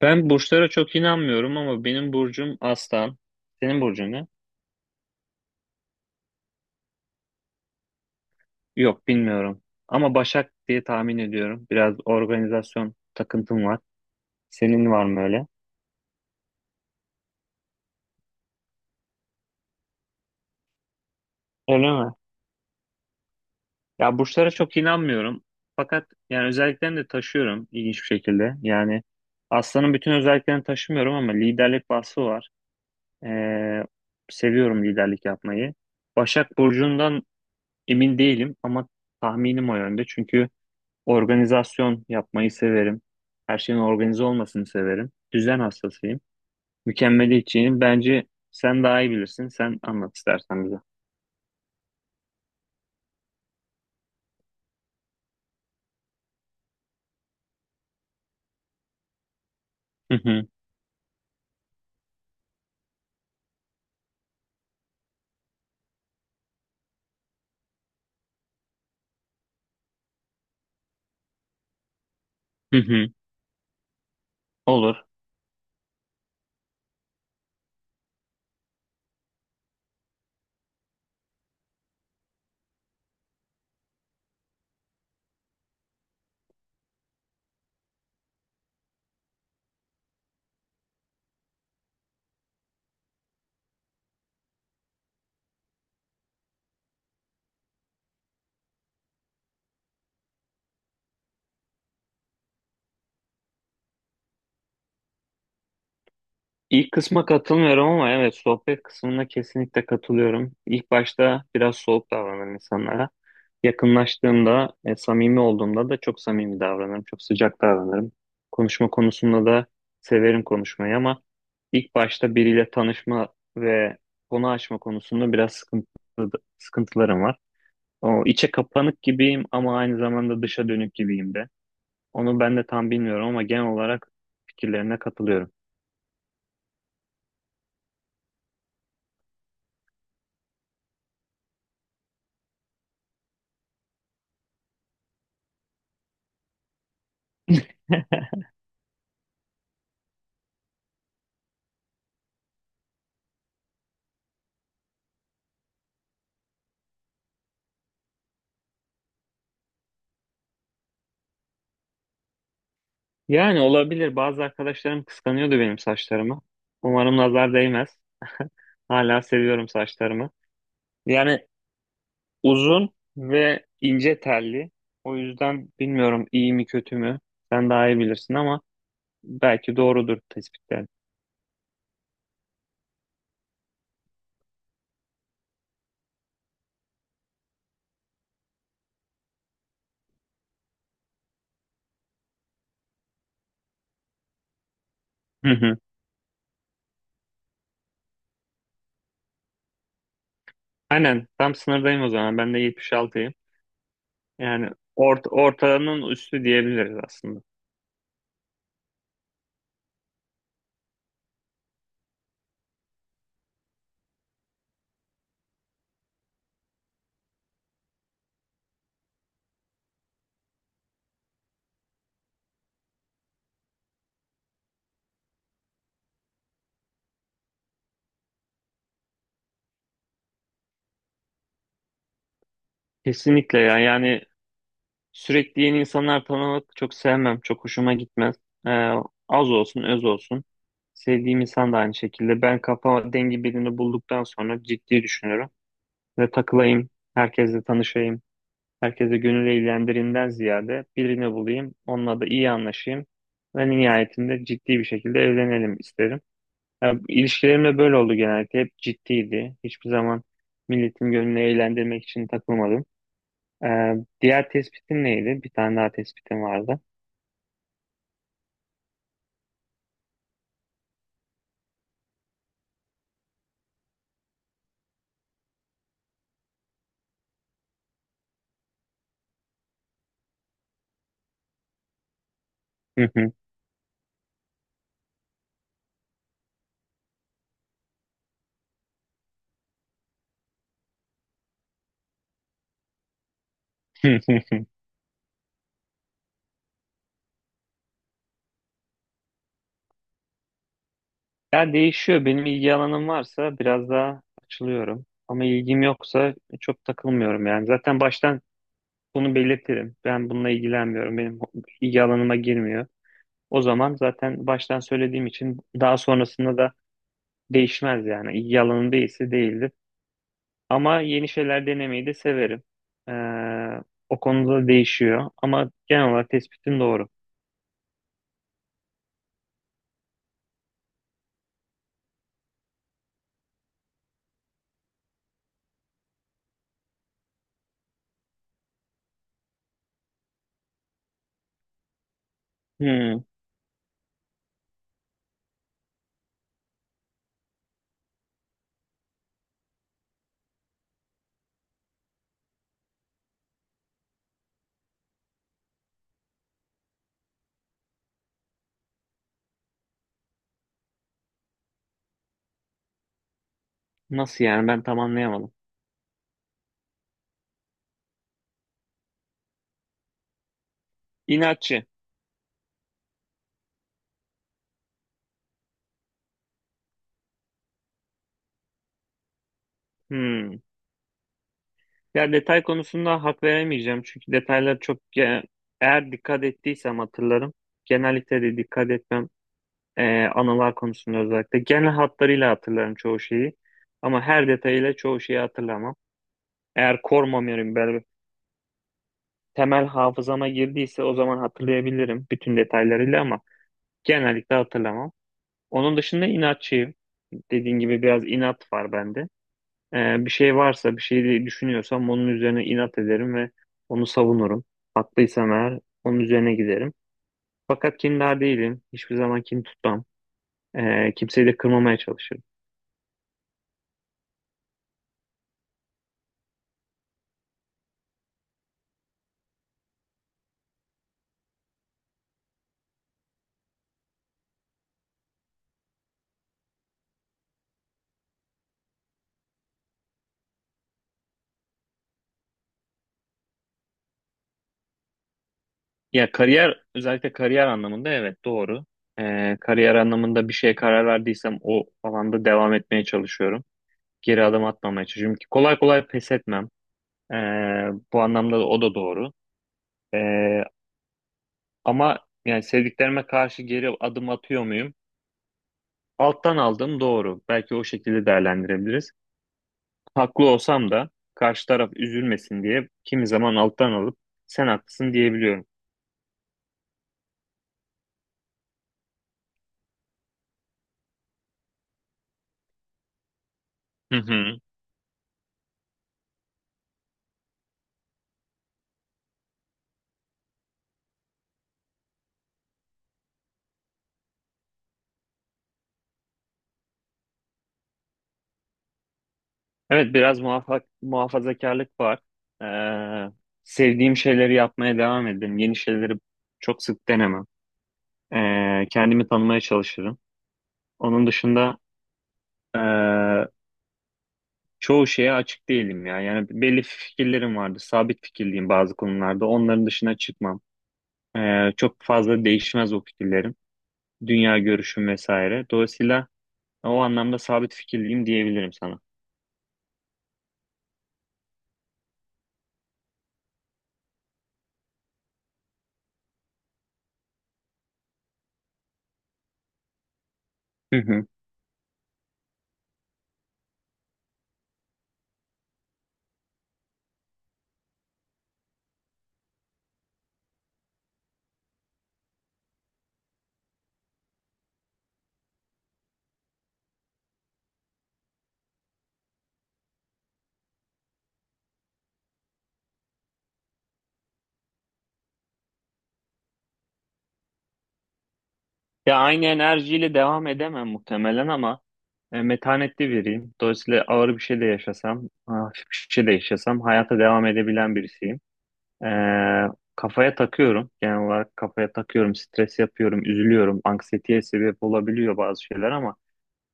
Ben burçlara çok inanmıyorum ama benim burcum Aslan. Senin burcun ne? Yok bilmiyorum. Ama Başak diye tahmin ediyorum. Biraz organizasyon takıntım var. Senin var mı öyle? Öyle mi? Ya burçlara çok inanmıyorum. Fakat yani özelliklerini de taşıyorum ilginç bir şekilde. Yani Aslan'ın bütün özelliklerini taşımıyorum ama liderlik vasfı var. Ee, Seviyorum liderlik yapmayı. Başak burcundan emin değilim ama tahminim o yönde. Çünkü organizasyon yapmayı severim. Her şeyin organize olmasını severim. Düzen hastasıyım. Mükemmeliyetçiyim. Bence sen daha iyi bilirsin. Sen anlat istersen bize. Hı hı. Hı hı. Olur. İlk kısma katılmıyorum ama evet, sohbet kısmına kesinlikle katılıyorum. İlk başta biraz soğuk davranırım insanlara. Yakınlaştığımda, samimi olduğumda da çok samimi davranırım, çok sıcak davranırım. Konuşma konusunda da severim konuşmayı ama ilk başta biriyle tanışma ve konu açma konusunda biraz sıkıntılarım var. O içe kapanık gibiyim ama aynı zamanda dışa dönük gibiyim de. Onu ben de tam bilmiyorum ama genel olarak fikirlerine katılıyorum. Yani olabilir. Bazı arkadaşlarım kıskanıyordu benim saçlarımı. Umarım nazar değmez. Hala seviyorum saçlarımı. Yani uzun ve ince telli. O yüzden bilmiyorum iyi mi kötü mü. Sen daha iyi bilirsin ama belki doğrudur tespitler. Hı hı. Aynen tam sınırdayım o zaman. Ben de 76'yım. Yani ortanın üstü diyebiliriz aslında. Kesinlikle ya. Yani sürekli yeni insanlar tanımak çok sevmem. Çok hoşuma gitmez. Ee, Az olsun, öz olsun. Sevdiğim insan da aynı şekilde. Ben kafa dengi birini bulduktan sonra ciddi düşünüyorum. Ve takılayım, herkesle tanışayım. Herkese gönül eğlendirimden ziyade birini bulayım. Onunla da iyi anlaşayım. Ve nihayetinde ciddi bir şekilde evlenelim isterim. Ya, ilişkilerim de böyle oldu genellikle. Hep ciddiydi. Hiçbir zaman milletin gönlünü eğlendirmek için takılmadım. Ee, Diğer tespitin neydi? Bir tane daha tespitin vardı. Hı hı. Ya değişiyor. Benim ilgi alanım varsa biraz daha açılıyorum. Ama ilgim yoksa çok takılmıyorum yani. Zaten baştan bunu belirtirim. Ben bununla ilgilenmiyorum. Benim ilgi alanıma girmiyor. O zaman zaten baştan söylediğim için daha sonrasında da değişmez yani. İlgi alanım değilse değildir. Ama yeni şeyler denemeyi de severim. Ee, O konuda değişiyor. Ama genel olarak tespitim doğru. Hmm. Nasıl yani, ben tam anlayamadım. İnatçı. Hmm. Ya detay konusunda hak veremeyeceğim çünkü detaylar eğer dikkat ettiysem hatırlarım. Genellikle de dikkat etmem. Anılar konusunda özellikle. Genel hatlarıyla hatırlarım çoğu şeyi ama her detayıyla çoğu şeyi hatırlamam. Eğer core memory'm böyle temel hafızama girdiyse o zaman hatırlayabilirim bütün detaylarıyla ama genellikle hatırlamam. Onun dışında inatçıyım. Dediğin gibi biraz inat var bende. Bir şey varsa, bir şey düşünüyorsam onun üzerine inat ederim ve onu savunurum. Haklıysam eğer onun üzerine giderim. Fakat kindar değilim. Hiçbir zaman kin tutmam. Kimseyi de kırmamaya çalışırım. Ya kariyer, özellikle kariyer anlamında evet doğru. Kariyer anlamında bir şeye karar verdiysem o alanda devam etmeye çalışıyorum. Geri adım atmamaya çalışıyorum ki kolay kolay pes etmem. Ee, Bu anlamda da o da doğru. Ee, ama yani sevdiklerime karşı geri adım atıyor muyum? Alttan aldım doğru. Belki o şekilde değerlendirebiliriz. Haklı olsam da karşı taraf üzülmesin diye kimi zaman alttan alıp sen haklısın diyebiliyorum. Hı hı. Evet, biraz muhafazakarlık var. Ee, Sevdiğim şeyleri yapmaya devam ederim. Yeni şeyleri çok sık denemem. Kendimi tanımaya çalışırım. Onun dışında ee, çoğu şeye açık değilim ya. Yani belli fikirlerim vardı. Sabit fikirliyim bazı konularda. Onların dışına çıkmam. Çok fazla değişmez o fikirlerim, dünya görüşüm vesaire. Dolayısıyla o anlamda sabit fikirliyim diyebilirim sana. Hı hı. Ya aynı enerjiyle devam edemem muhtemelen ama metanetli biriyim. Dolayısıyla ağır bir şey de yaşasam, hafif bir şey de yaşasam hayata devam edebilen birisiyim. E, Kafaya takıyorum. Genel olarak kafaya takıyorum, stres yapıyorum, üzülüyorum. Anksiyeteye sebep olabiliyor bazı şeyler ama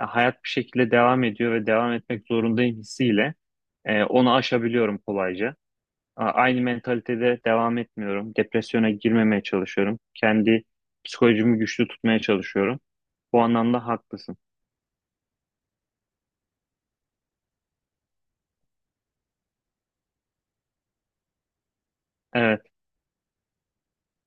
hayat bir şekilde devam ediyor ve devam etmek zorundayım hissiyle onu aşabiliyorum kolayca. Aynı mentalitede devam etmiyorum. Depresyona girmemeye çalışıyorum. Kendi psikolojimi güçlü tutmaya çalışıyorum. Bu anlamda haklısın. Evet.